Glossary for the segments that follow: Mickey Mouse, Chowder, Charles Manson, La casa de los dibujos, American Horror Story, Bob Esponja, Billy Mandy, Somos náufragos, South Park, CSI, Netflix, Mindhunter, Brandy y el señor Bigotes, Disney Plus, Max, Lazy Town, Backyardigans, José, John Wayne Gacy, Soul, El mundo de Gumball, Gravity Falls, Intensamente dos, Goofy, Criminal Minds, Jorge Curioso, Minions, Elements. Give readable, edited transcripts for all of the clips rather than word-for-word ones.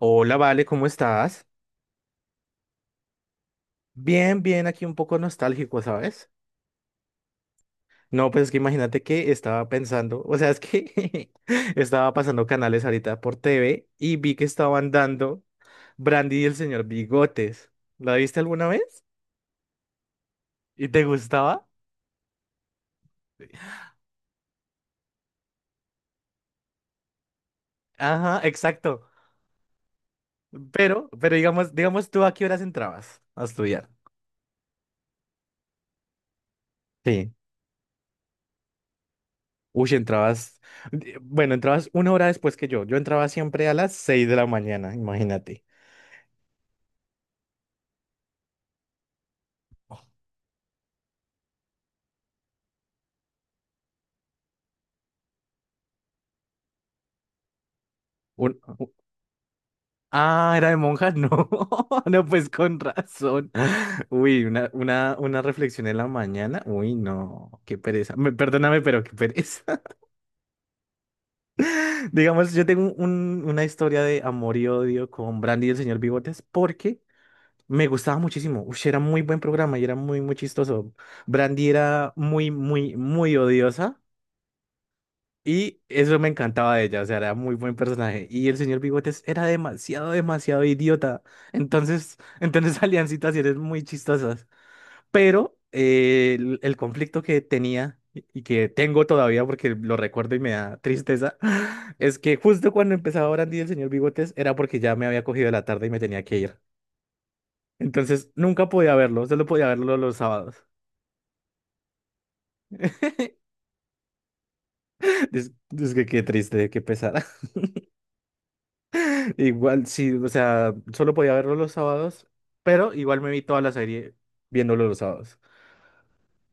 Hola, Vale, ¿cómo estás? Bien, bien, aquí un poco nostálgico, ¿sabes? No, pues es que imagínate que estaba pensando, o sea, es que estaba pasando canales ahorita por TV y vi que estaban dando Brandy y el señor Bigotes. ¿La viste alguna vez? ¿Y te gustaba? Ajá, exacto. Pero digamos tú a qué horas entrabas a estudiar. Sí. Uy, entrabas, bueno, entrabas una hora después que yo. Yo entraba siempre a las 6 de la mañana, imagínate. Un- Ah, era de monjas, no, no, pues con razón. Uy, una reflexión en la mañana. Uy, no, qué pereza. Perdóname, pero qué pereza. Digamos, yo tengo una historia de amor y odio con Brandy y el señor Bigotes porque me gustaba muchísimo. Uy, era muy buen programa y era muy, muy chistoso. Brandy era muy, muy, muy odiosa. Y eso me encantaba de ella, o sea, era muy buen personaje. Y el señor Bigotes era demasiado, demasiado idiota. Entonces, salían situaciones muy chistosas. Pero el conflicto que tenía y que tengo todavía porque lo recuerdo y me da tristeza, es que justo cuando empezaba Brandy y el señor Bigotes era porque ya me había cogido la tarde y me tenía que ir. Entonces, nunca podía verlo, solo podía verlo los sábados. Es que qué triste, qué pesar. Igual, sí, o sea, solo podía verlo los sábados, pero igual me vi toda la serie viéndolo los sábados.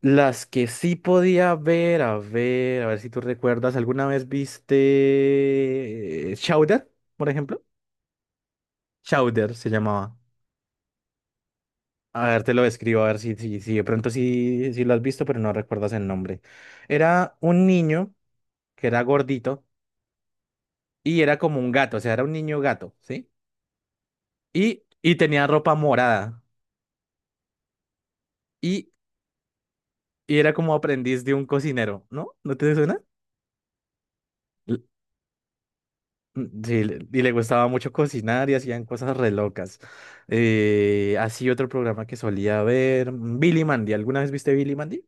Las que sí podía ver, a ver, a ver si tú recuerdas, ¿alguna vez viste Chowder, por ejemplo? Chowder se llamaba. A ver, te lo describo, a ver si de pronto sí, sí lo has visto, pero no recuerdas el nombre. Era un niño que era gordito y era como un gato, o sea, era un niño gato, ¿sí? Y tenía ropa morada. Y y era como aprendiz de un cocinero, ¿no? ¿No te suena? L- Sí, y le gustaba mucho cocinar y hacían cosas re locas. Así otro programa que solía ver, Billy Mandy. ¿Alguna vez viste Billy Mandy?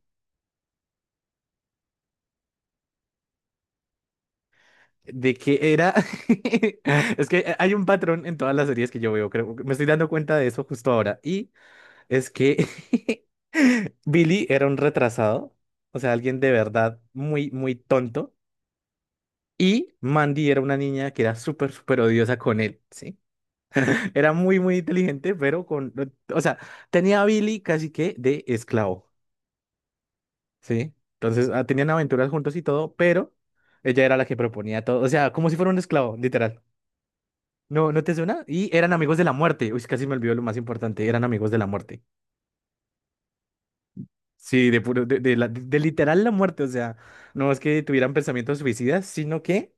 De que era... Es que hay un patrón en todas las series que yo veo, creo. Me estoy dando cuenta de eso justo ahora. Y es que Billy era un retrasado, o sea, alguien de verdad muy, muy tonto. Y Mandy era una niña que era súper, súper odiosa con él, ¿sí? Era muy, muy inteligente, pero con, o sea, tenía a Billy casi que de esclavo, ¿sí? Entonces, ah, tenían aventuras juntos y todo, pero ella era la que proponía todo, o sea, como si fuera un esclavo, literal. ¿No, no te suena? Y eran amigos de la muerte. Uy, casi me olvidó lo más importante, eran amigos de la muerte. Sí, de puro, de la- de literal la muerte, o sea, no es que tuvieran pensamientos suicidas, sino que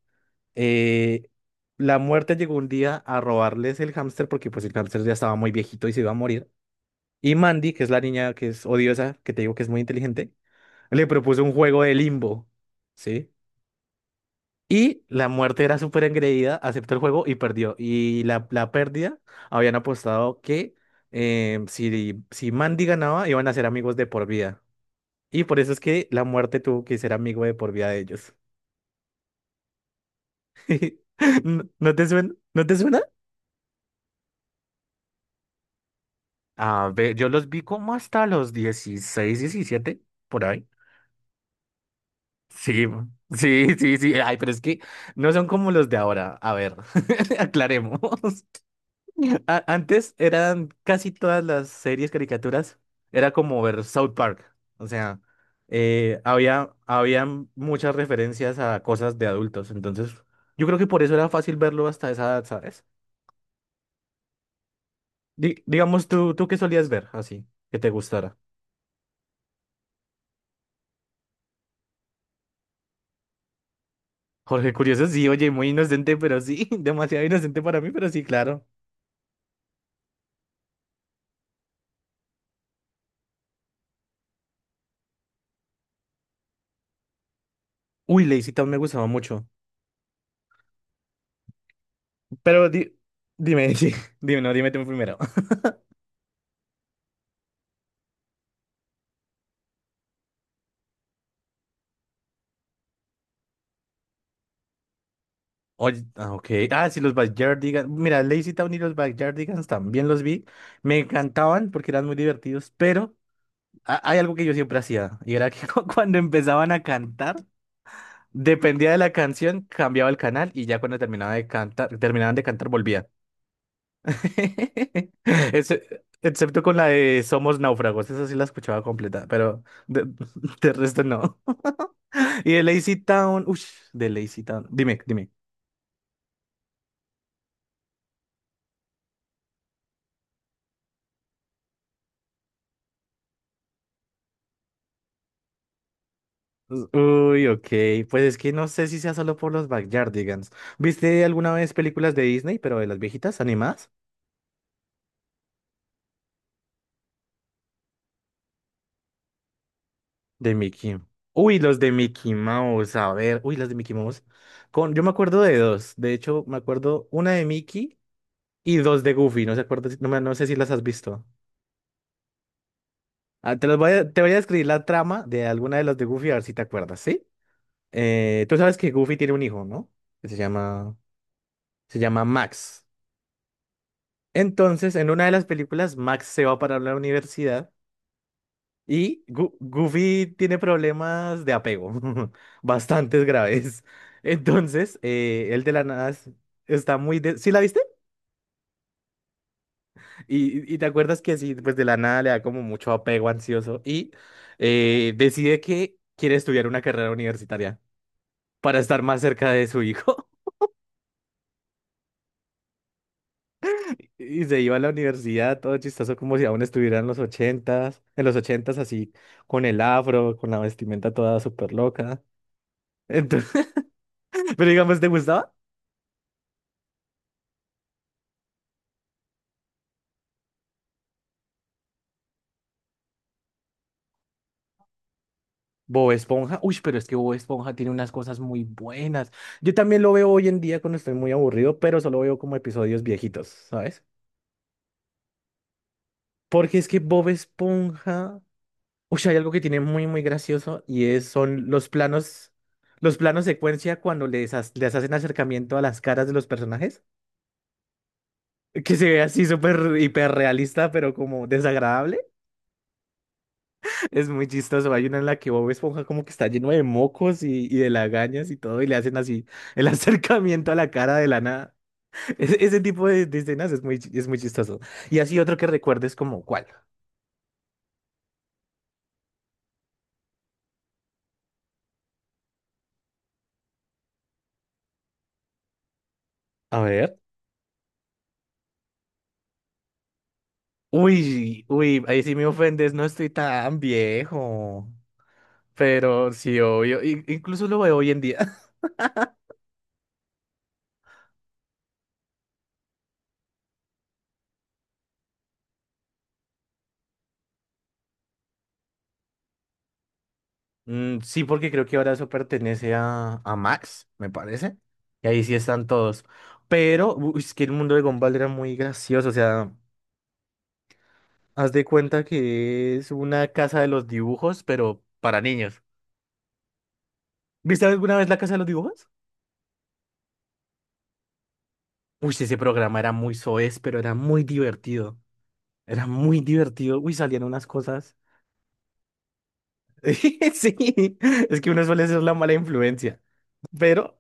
eh, la muerte llegó un día a robarles el hámster porque pues el hámster ya estaba muy viejito y se iba a morir. Y Mandy, que es la niña que es odiosa, que te digo que es muy inteligente, le propuso un juego de limbo, ¿sí? Y la muerte era súper engreída, aceptó el juego y perdió. Y la pérdida, habían apostado que si Mandy ganaba, iban a ser amigos de por vida. Y por eso es que la muerte tuvo que ser amigo de por vida de ellos. ¿No no te suena? ¿No te suena? A ver, yo los vi como hasta los 16, 17, por ahí. Sí, sí, sí, sí. Ay, pero es que no son como los de ahora. A ver, aclaremos. Antes eran casi todas las series, caricaturas, era como ver South Park. O sea, había, habían muchas referencias a cosas de adultos. Entonces, yo creo que por eso era fácil verlo hasta esa edad, ¿sabes? Digamos, ¿tú qué solías ver así, que te gustara? Jorge Curioso, sí, oye, muy inocente, pero sí, demasiado inocente para mí, pero sí, claro. Uy, Lazy Town me gustaba mucho. Pero dime, sí, dime, no, dime tú primero. Oye, ah, ok. Ah, sí, los Backyardigans. Mira, Lazy Town y los Backyardigans también los vi. Me encantaban porque eran muy divertidos, pero hay algo que yo siempre hacía y era que cuando empezaban a cantar, dependía de la canción, cambiaba el canal y ya cuando terminaba de cantar, terminaban de cantar, volvía. Excepto con la de Somos náufragos, esa sí la escuchaba completa, pero de, de resto no. Y de Lazy Town, uff, de Lazy Town, dime, dime. Uy, ok, pues es que no sé si sea solo por los Backyardigans. ¿Viste alguna vez películas de Disney, pero de las viejitas animadas? De Mickey. Uy, los de Mickey Mouse, a ver, uy, las de Mickey Mouse. Con, yo me acuerdo de dos, de hecho, me acuerdo una de Mickey y dos de Goofy, no, no, no sé si las has visto. Ah, te los voy a, te voy a describir la trama de alguna de las de Goofy, a ver si te acuerdas, ¿sí? Tú sabes que Goofy tiene un hijo, ¿no? Que se llama Max. Entonces, en una de las películas, Max se va para la universidad y Goofy tiene problemas de apego, bastantes graves. Entonces, él de la nada está muy... De... ¿Sí la viste? Y te acuerdas que sí, pues de la nada le da como mucho apego ansioso y decide que quiere estudiar una carrera universitaria para estar más cerca de su hijo. Y se iba a la universidad, todo chistoso, como si aún estuviera en los ochentas así, con el afro, con la vestimenta toda súper loca. Entonces, pero digamos, ¿te gustaba? Bob Esponja, uy, pero es que Bob Esponja tiene unas cosas muy buenas. Yo también lo veo hoy en día cuando estoy muy aburrido, pero solo veo como episodios viejitos, ¿sabes? Porque es que Bob Esponja, uy, hay algo que tiene muy, muy gracioso y es, son los planos secuencia cuando les, les hacen acercamiento a las caras de los personajes, que se ve así súper hiperrealista, pero como desagradable. Es muy chistoso. Hay una en la que Bob Esponja como que está lleno de mocos y de lagañas y todo, y le hacen así el acercamiento a la cara de la nada. Ese tipo de escenas es muy, es muy chistoso. Y así otro que recuerdes como, ¿cuál? A ver. Uy, uy, ahí sí me ofendes, no estoy tan viejo. Pero sí, obvio. Incluso lo veo hoy en día. Mm, sí, porque creo que ahora eso pertenece a Max, me parece. Y ahí sí están todos. Pero, uy, es que el mundo de Gumball era muy gracioso. O sea, haz de cuenta que es una casa de los dibujos, pero para niños. ¿Viste alguna vez la casa de los dibujos? Uy, ese programa era muy soez, pero era muy divertido. Era muy divertido. Uy, salían unas cosas. Sí, es que uno suele ser la mala influencia. Pero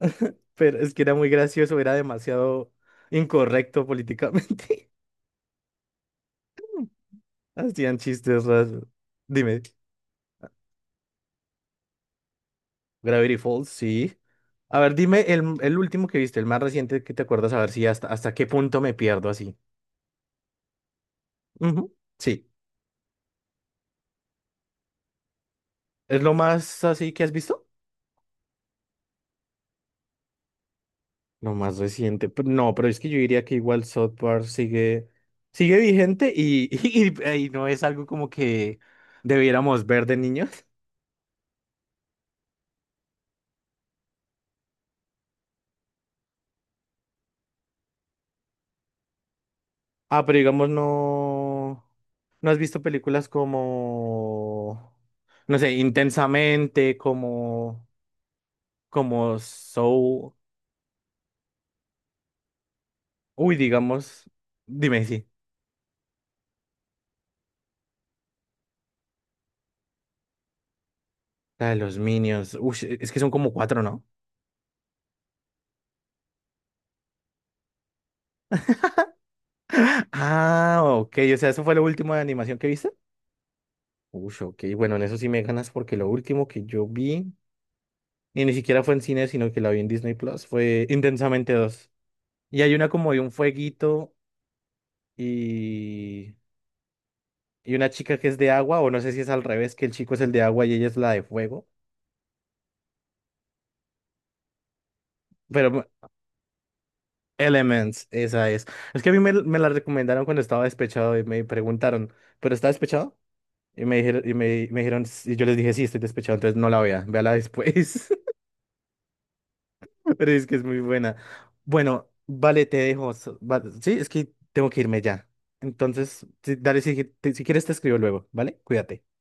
Pero es que era muy gracioso, era demasiado incorrecto políticamente. Hacían chistes raros. Dime, Gravity Falls, sí. A ver, dime el último que viste, el más reciente que te acuerdas, a ver si hasta, hasta qué punto me pierdo así. Ujú, sí. ¿Es lo más así que has visto? Lo más reciente. No, pero es que yo diría que igual South Park sigue, sigue vigente y, y no es algo como que debiéramos ver de niños. Ah, pero digamos, no. ¿No has visto películas como... no sé, intensamente, como... como Soul? Uy, digamos. Dime si. La de los Minions. Uy, es que son como cuatro, ¿no? Ah, ok. O sea, ¿eso fue lo último de animación que viste? Uy, ok. Bueno, en eso sí me ganas porque lo último que yo vi... y ni siquiera fue en cine, sino que la vi en Disney Plus, fue Intensamente dos. Y hay una como de un fueguito y... y una chica que es de agua, o no sé si es al revés, que el chico es el de agua y ella es la de fuego, pero Elements, esa es. Es que a mí me, me la recomendaron cuando estaba despechado y me preguntaron, ¿pero está despechado? Y me dijeron, y me dijeron, y yo les dije, sí, estoy despechado, entonces no la vea, véala después, pero es que es muy buena. Bueno, vale, te dejo, sí, es que tengo que irme ya. Entonces, sí, dale, si quieres te escribo luego, ¿vale? Cuídate.